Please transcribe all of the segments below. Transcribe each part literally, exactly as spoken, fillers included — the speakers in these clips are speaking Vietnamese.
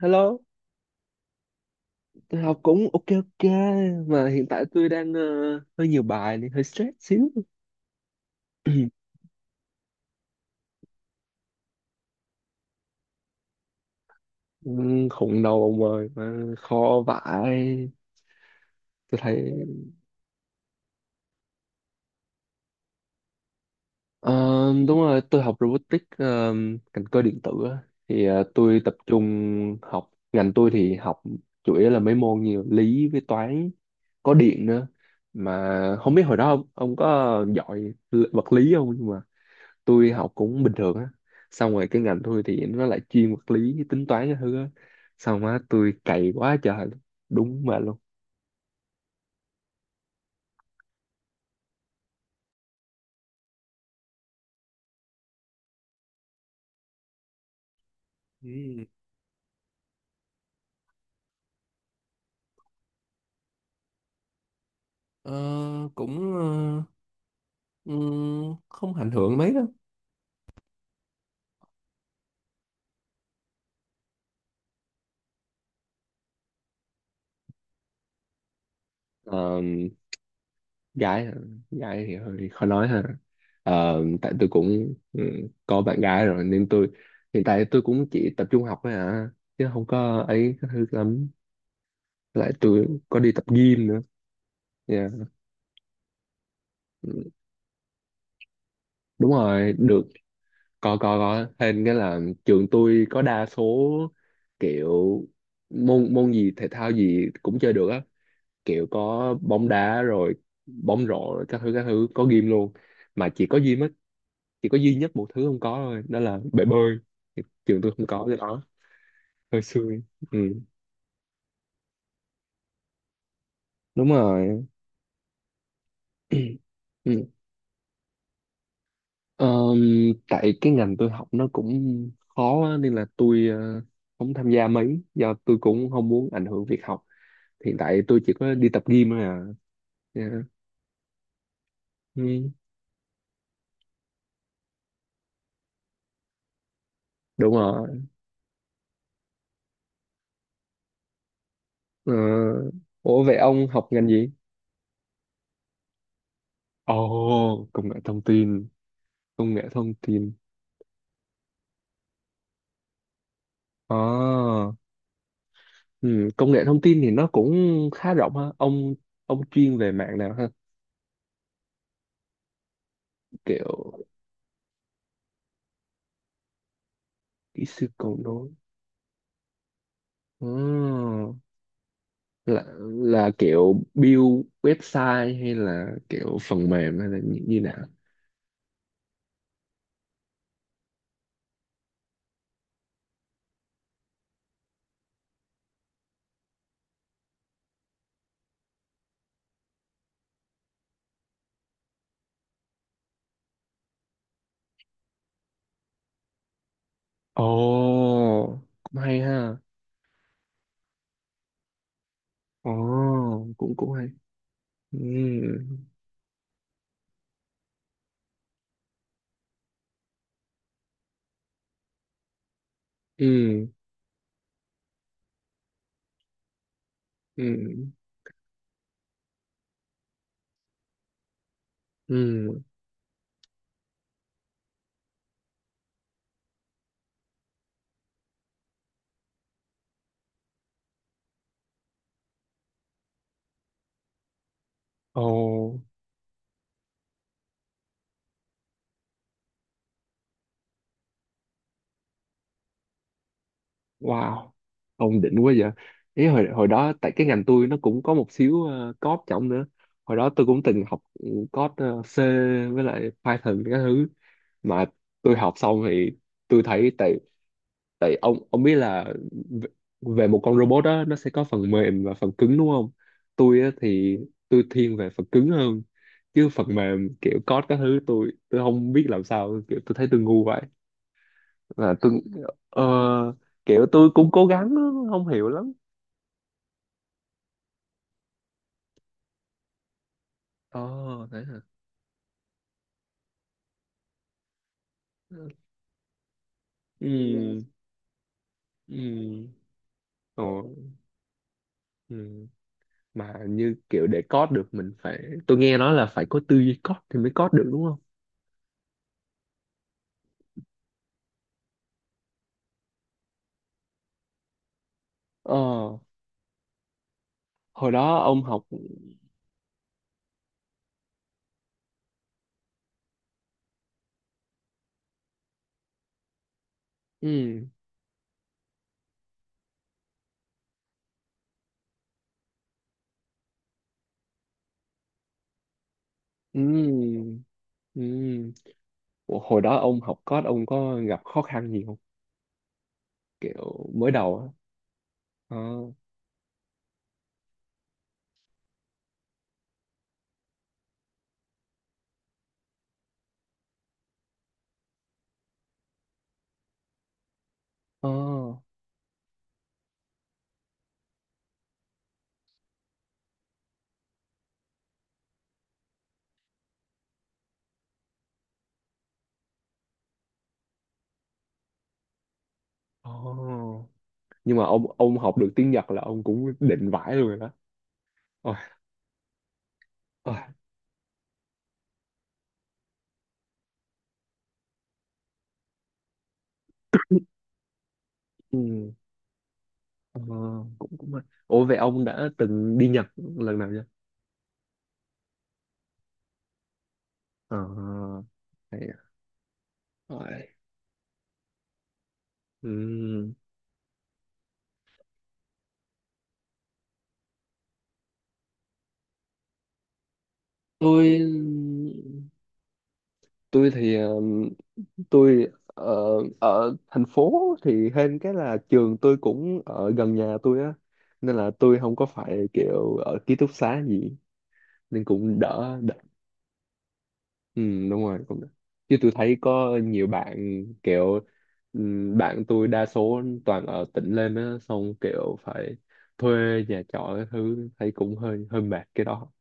Hello, tôi học cũng ok ok mà hiện tại tôi đang ờ, hơi nhiều bài nên hơi stress xíu. Ừm, Khủng đầu ông ơi mà khó vãi. Tôi thấy ờ, đúng rồi, tôi học robotics, ờ, ngành cơ điện tử á. Thì ờ, tôi tập trung học, ngành tôi thì học chủ yếu là mấy môn như lý với toán, có điện nữa. Mà không biết hồi đó ông, ông có giỏi vật lý không, nhưng tôi học cũng bình thường á, xong rồi cái ngành tôi thì nó lại chuyên vật lý tính toán cái thứ á, xong á tôi cày quá trời luôn. Đúng mà luôn. Ừ. Ờ, cũng, ờ, ừm, không ảnh hưởng mấy đâu. Ờ, gái hả? Gái thì hơi khó nói ha. Ờ, tại tôi cũng, ừ, có bạn gái rồi nên tôi, hiện tại tôi cũng chỉ tập trung học thôi à, chứ không có ấy cái thứ lắm, lại tôi có đi tập gym nữa. Dạ. Ừ, đúng rồi, được. Có có có thêm cái là trường tôi có đa số, kiểu môn môn gì thể thao gì cũng chơi được á, kiểu có bóng đá rồi, bóng rổ rồi, các thứ các thứ, có gym luôn, mà chỉ có gym á, chỉ có duy nhất một thứ không có thôi đó là bể bơi. Thì trường tôi không có cái đó, hơi xui. Ừ, đúng rồi. Ừ. Ờm, tại cái ngành tôi học nó cũng khó á, nên là tôi ờ, không tham gia mấy, do tôi cũng không muốn ảnh hưởng việc học, hiện tại tôi chỉ có đi tập gym thôi à. Dạ. Ừ, đúng rồi. Ờ, ủa vậy ông học ngành gì? Ồ, công nghệ thông tin, công nghệ thông tin à. Ừ, công nghệ thông tin thì nó cũng khá rộng ha ông ông chuyên về mạng nào ha? Kiểu kỹ sư cầu nối. Ờ, là là kiểu build website, hay là kiểu phần mềm, hay là như, như nào? Ồ, cũng hay ha. Ồ, cũng cũng hay. Ừ. Ừ, ừ, ừ. Ồ, wow, ông đỉnh quá vậy. Ý, hồi hồi đó tại cái ngành tôi nó cũng có một xíu ờ, code trọng nữa. Hồi đó tôi cũng từng học, ừ, code, ờ, C với lại Python các thứ. Mà tôi học xong thì tôi thấy, tại tại ông ông biết là, v- về một con robot đó nó sẽ có phần mềm và phần cứng đúng không. Tôi á, thì tôi thiên về phần cứng hơn, chứ phần mềm kiểu code các thứ, tôi tôi không biết làm sao, kiểu tôi thấy tôi ngu, là tôi, ờ, kiểu tôi cũng cố gắng lắm, không hiểu lắm. Ồ, thế hả? Ừ, ừ. Ồ. Ừ. Mà như kiểu để code được mình phải, tôi nghe nói là phải có tư duy code thì mới code được đúng không? ờ Hồi đó ông học. Ừ, ừ, ừ. Ủa, hồi đó ông học code ông có gặp khó khăn gì không, kiểu mới đầu á? Ờ, ờ, ờ. Nhưng mà ông ông học được tiếng Nhật là ông cũng định vãi luôn rồi đó. Ôi. Ừ. Ờ, cũng cũng hay. Ủa vậy ông đã từng đi Nhật lần nào chưa? Ờ, hay à. Rồi. Ừ. Tôi tôi thì, ờ, tôi, ờ, ở thành phố, thì hên cái là trường tôi cũng ở gần nhà tôi á, nên là tôi không có phải kiểu ở ký túc xá gì, nên cũng đỡ đỡ. Ừ, đúng rồi, cũng được. Chứ tôi thấy có nhiều bạn kiểu, ừm, bạn tôi đa số toàn ở tỉnh lên á, xong kiểu phải thuê nhà trọ cái thứ, thấy cũng hơi hơi mệt cái đó.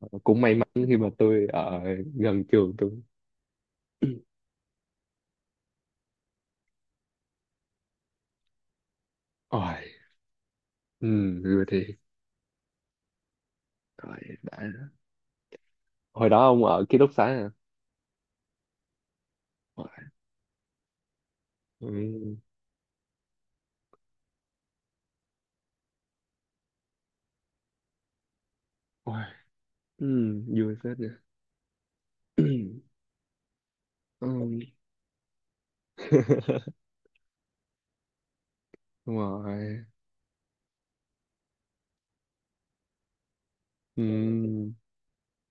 Ờ, cũng may mắn khi mà tôi ở gần trường tôi. Ôi. Ừ, rồi thì rồi đã, hồi đó ông ở ký túc xá à? Ôi. Ừ. Ôi. Ừ, vui phết nha. Ừ. Đúng rồi. Ừ,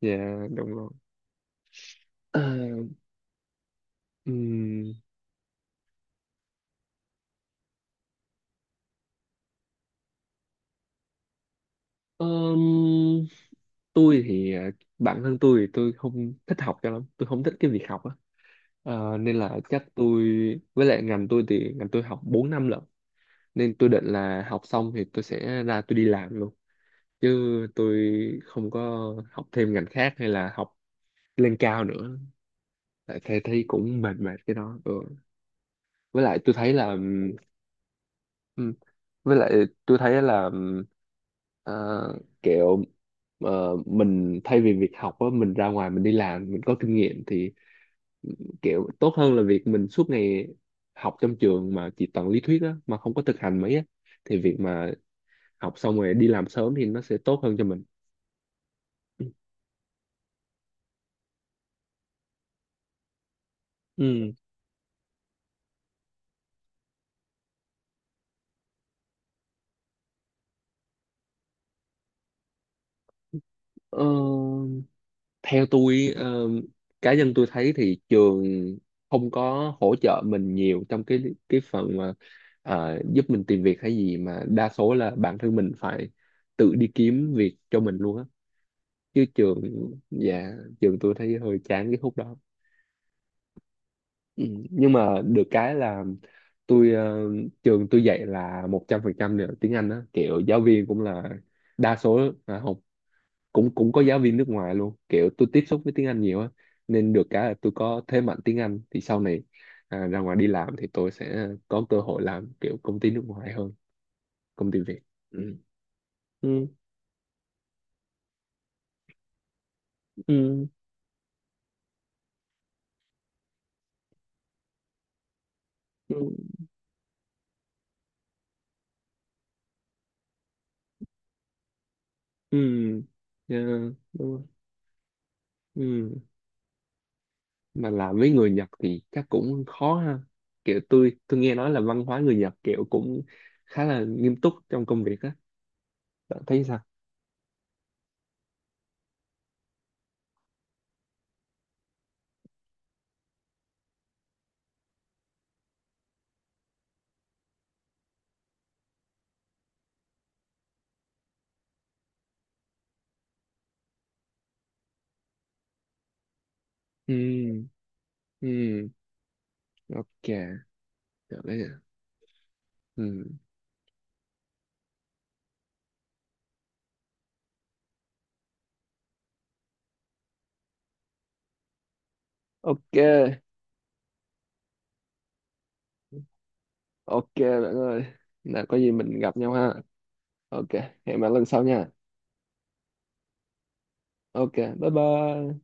dạ đúng rồi. Ừ. Ờm, tôi thì, ờ, bản thân tôi thì tôi không thích học cho lắm, tôi không thích cái việc học á. Ờ, nên là chắc tôi, với lại ngành tôi thì ngành tôi học bốn năm lận, nên tôi định là học xong thì tôi sẽ ra tôi đi làm luôn, chứ tôi không có học thêm ngành khác hay là học lên cao nữa, tại thấy thấy cũng mệt mệt cái đó. Ừ. với lại tôi thấy là ừm, với lại tôi thấy là ừm, ờ, kiểu, ờ, mình thay vì việc học á, mình ra ngoài mình đi làm mình có kinh nghiệm thì kiểu tốt hơn là việc mình suốt ngày học trong trường mà chỉ toàn lý thuyết á, mà không có thực hành mấy á, thì việc mà học xong rồi đi làm sớm thì nó sẽ tốt hơn cho mình. Ừ. Ờ, theo tôi, ờ, cá nhân tôi thấy thì trường không có hỗ trợ mình nhiều trong cái cái phần mà, ờ, giúp mình tìm việc hay gì, mà đa số là bản thân mình phải tự đi kiếm việc cho mình luôn á, chứ trường, dạ, trường tôi thấy hơi chán cái khúc đó. Ừ. Nhưng mà được cái là tôi, ờ, trường tôi dạy là một trăm phần trăm là tiếng Anh á, kiểu giáo viên cũng là đa số à, học cũng cũng có giáo viên nước ngoài luôn, kiểu tôi tiếp xúc với tiếng Anh nhiều á, nên được cái là tôi có thế mạnh tiếng Anh thì sau này, à, ra ngoài đi làm thì tôi sẽ có cơ hội làm kiểu công ty nước ngoài hơn công ty Việt. Ừ. Ừ. Ừ. Ừ. Ừ. Yeah. Đúng rồi. Ừ. Mà làm với người Nhật thì chắc cũng khó ha, kiểu tôi tôi nghe nói là văn hóa người Nhật kiểu cũng khá là nghiêm túc trong công việc á. Bạn thấy sao? Ừ, ừ, ok, được đấy nhỉ? Ừ, ok. Ok bạn ơi, là có gì mình gặp nhau ha. Ok, hẹn bạn lần sau nha. Ok, bye bye.